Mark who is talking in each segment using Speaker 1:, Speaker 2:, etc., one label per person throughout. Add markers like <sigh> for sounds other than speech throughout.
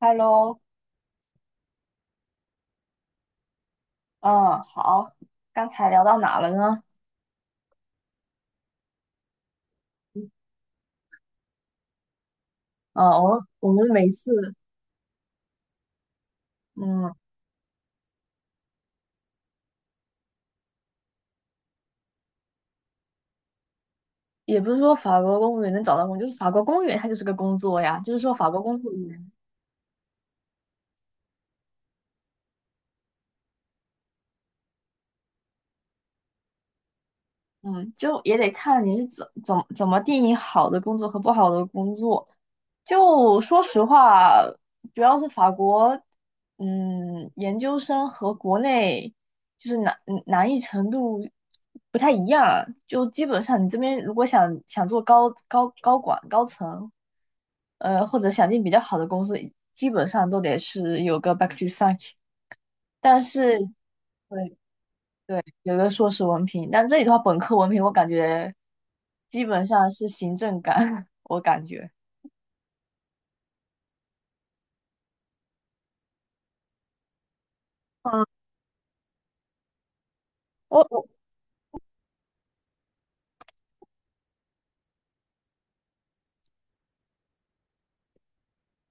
Speaker 1: Hello。嗯，好，刚才聊到哪了呢？嗯，我们每次，嗯，也不是说法国公务员能找到工就是法国公务员它就是个工作呀，就是说法国工作员。嗯，就也得看你是怎么定义好的工作和不好的工作。就说实话，主要是法国。嗯，研究生和国内就是难难易程度不太一样。就基本上你这边如果想做高管高层，或者想进比较好的公司，基本上都得是有个 bac o 三。但是对，对，有个硕士文凭。但这里的话，本科文凭我感觉基本上是行政岗，<laughs> 我感觉。嗯，我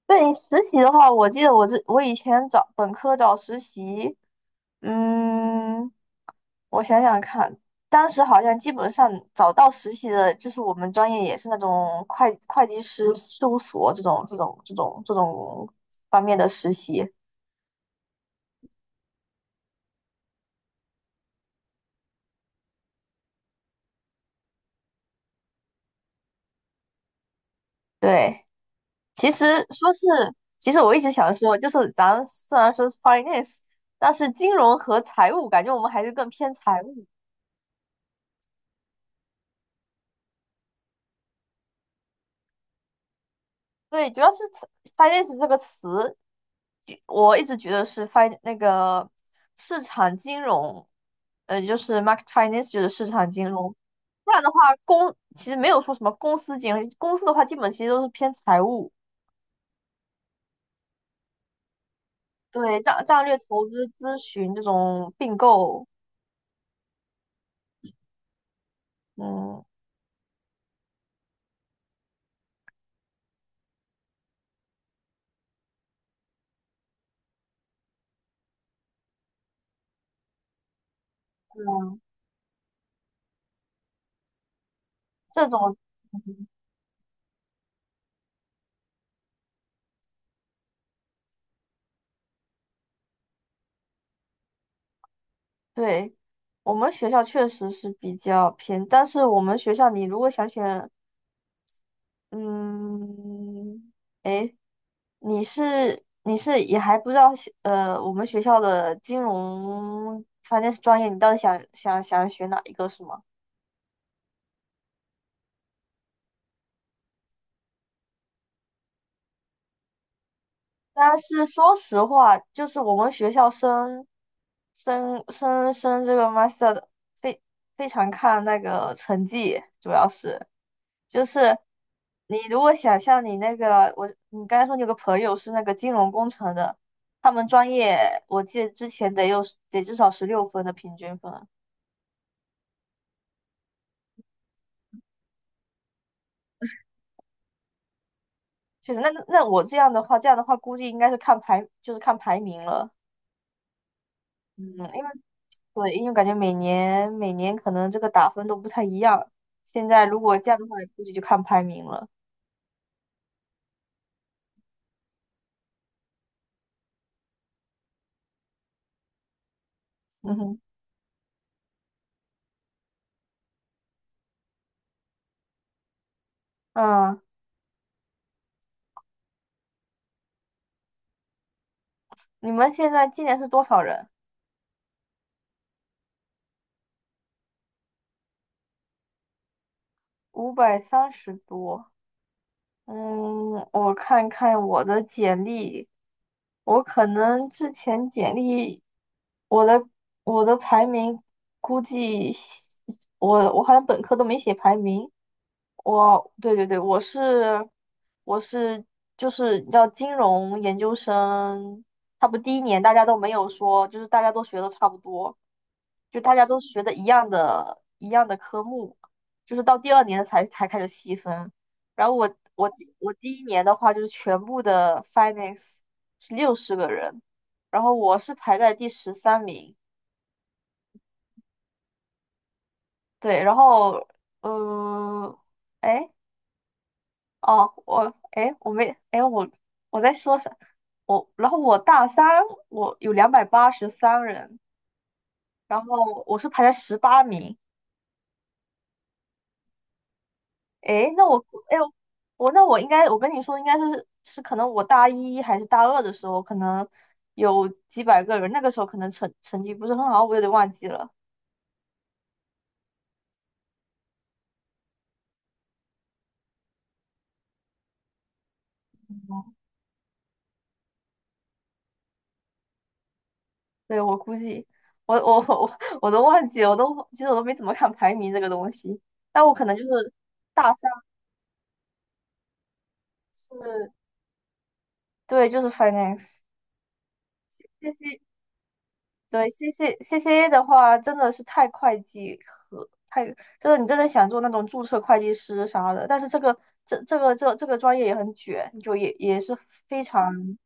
Speaker 1: 对，实习的话，我记得我以前找本科找实习。嗯，我想想看，当时好像基本上找到实习的，就是我们专业也是那种会计师事务所这种方面的实习。对，其实说是，其实我一直想说，就是咱虽然说是 finance，但是金融和财务，感觉我们还是更偏财务。对，主要是词 finance 这个词，我一直觉得是 fin 那个市场金融，就是 market finance 就是市场金融。不然的话，公其实没有说什么公司金融，公司的话基本其实都是偏财务。对，战略投资咨询这种并购。嗯，这种对，我们学校确实是比较偏，但是我们学校你如果想选。嗯，你是也还不知道西，我们学校的金融反正是专业，你到底想学哪一个是吗？但是说实话，就是我们学校升这个 master 的非非常看那个成绩，主要是就是你如果想像你那个我你刚才说你有个朋友是那个金融工程的，他们专业我记得之前得有得至少16分的平均分。确实，那我这样的话，这样的话估计应该是看排，就是看排名了。嗯，因为对，因为感觉每年可能这个打分都不太一样。现在如果这样的话，估计就看排名了。嗯哼。嗯，你们现在今年是多少人？530多。嗯，我看看我的简历，我可能之前简历，我的我的排名估计，我好像本科都没写排名。我对，对，对，我是就是你知道金融研究生，他不第一年大家都没有说，就是大家都学的差不多，就大家都学的一样的科目，就是到第二年才开始细分。然后我第一年的话就是全部的 finance 是60个人，然后我是排在第13名。对，然后嗯。哎。哦，我哎，我没哎，我我在说啥？然后我大三，我有283人，然后我是排在18名。哎，那我哎呦我那我应该我跟你说，应该是可能我大一还是大二的时候，可能有几百个人，那个时候可能成绩不是很好，我有点忘记了。对，我估计我 <laughs> 我都忘记了，其实我都没怎么看排名这个东西，但我可能就是大三是对，就是 finance。C C C C A 的话，真的是太会计和太就是你真的想做那种注册会计师啥的，但是这个这个这个专业也很卷，就也也是非常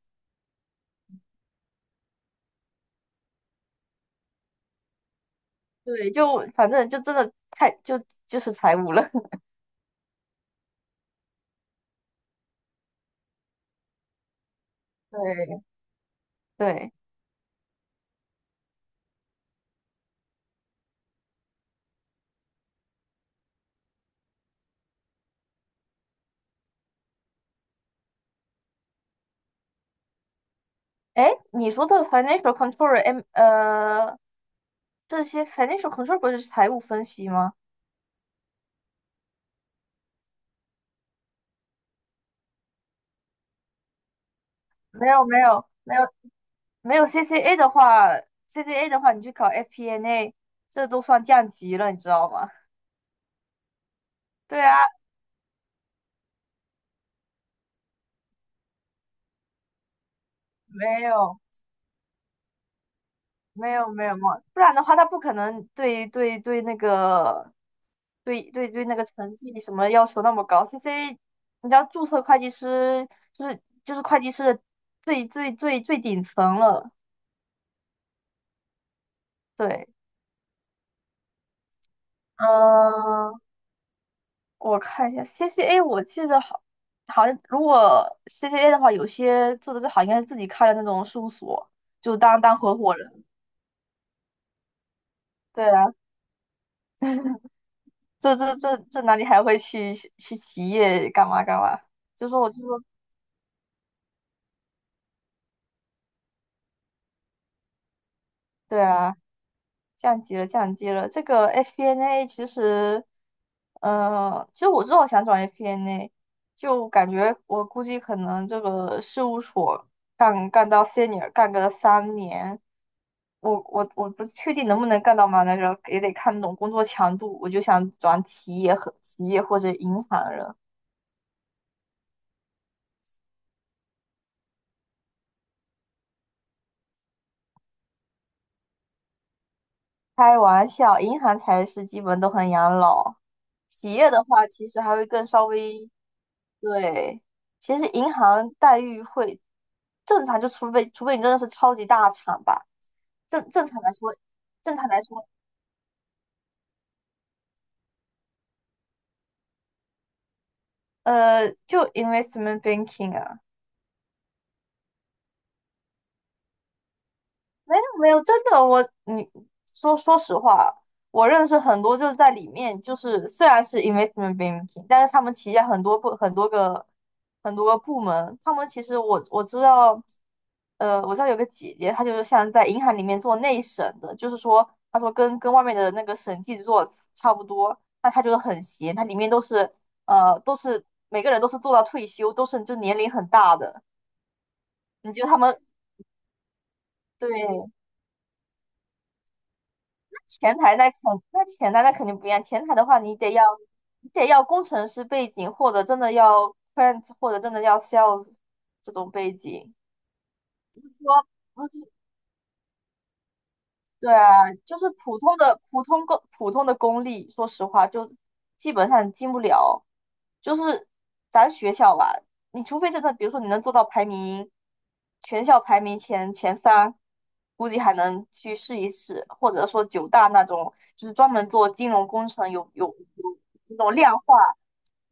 Speaker 1: 对，就反正就真的太就就是财务了。<laughs> 对，对，哎，你说的 financial control M 这些 financial control 不是财务分析吗？没有，没有，没有。没有 CCA 的话，CCA 的话，你去考 FPNA，这都算降级了，你知道吗？对啊，没有，没有，没有，没有，不然的话，他不可能对对对那个，对对对那个成绩什么要求那么高。CCA，你知道注册会计师就是就是会计师的最顶层了。对。嗯。我看一下 CCA，我记得好，好像如果 CCA 的话，有些做的最好应该是自己开的那种事务所，就当当合伙人。对啊，这哪里还会去去企业干嘛干嘛？就说我就说。对啊，降级了，降级了。这个 FP&A 其实，其实我之后想转 FP&A，就感觉我估计可能这个事务所干到 senior 干个3年，我不确定能不能干到嘛，但是也得看那种工作强度。我就想转企业和企业或者银行了。开玩笑，银行才是基本都很养老，企业的话其实还会更稍微对。其实银行待遇会正常，就除非你真的是超级大厂吧，正常来说，正常来说，就 investment banking 啊。没有，没有，真的，我你说说实话，我认识很多就是在里面，就是虽然是 investment banking，但是他们旗下很多部很多个部门，他们其实我知道，我知道有个姐姐，她就是像在银行里面做内审的，就是说她说跟外面的那个审计做差不多，那她就是很闲，她里面都是都是每个人都是做到退休，都是就年龄很大的，你觉得他们对？前台那肯那前台那肯定不一样，前台的话你得要你得要工程师背景，或者真的要 print，或者真的要 sales 这种背景。说不是对啊，就是普通的普通公普通的公立，说实话就基本上进不了。就是咱学校吧，你除非真的，比如说你能做到排名全校排名前三，估计还能去试一试，或者说九大那种，就是专门做金融工程有那种量化，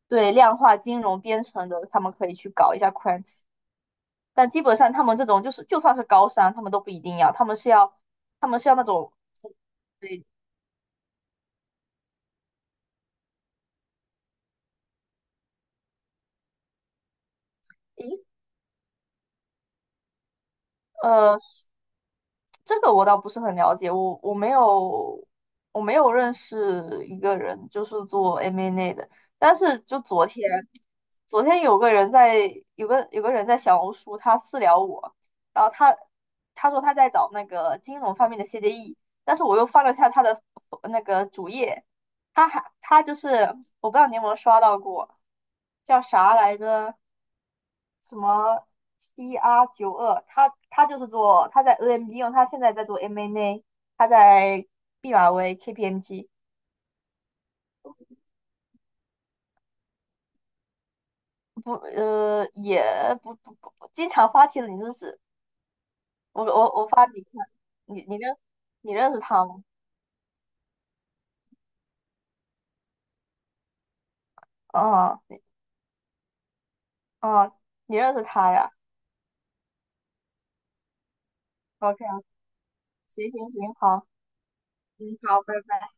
Speaker 1: 对量化金融编程的，他们可以去搞一下 Quant。但基本上他们这种就是就算是高商，他们都不一定要，他们是要那种对。诶，呃，这个我倒不是很了解，我没有我没有认识一个人就是做 M&A 的，但是就昨天有个人在小红书他私聊我，然后他说他在找那个金融方面的 CDE，但是我又翻了一下他的那个主页，他就是我不知道你有没有刷到过，叫啥来着？什么 CR 92，他就是做他在 AMD 用，他现在在做 MNA，他在毕马威 KPMG 不呃也不不不不经常发帖子，你认识我发你看，你你认你认识他吗？哦，你哦，你认识他呀？OK 啊，行行行，好。嗯，好，拜拜。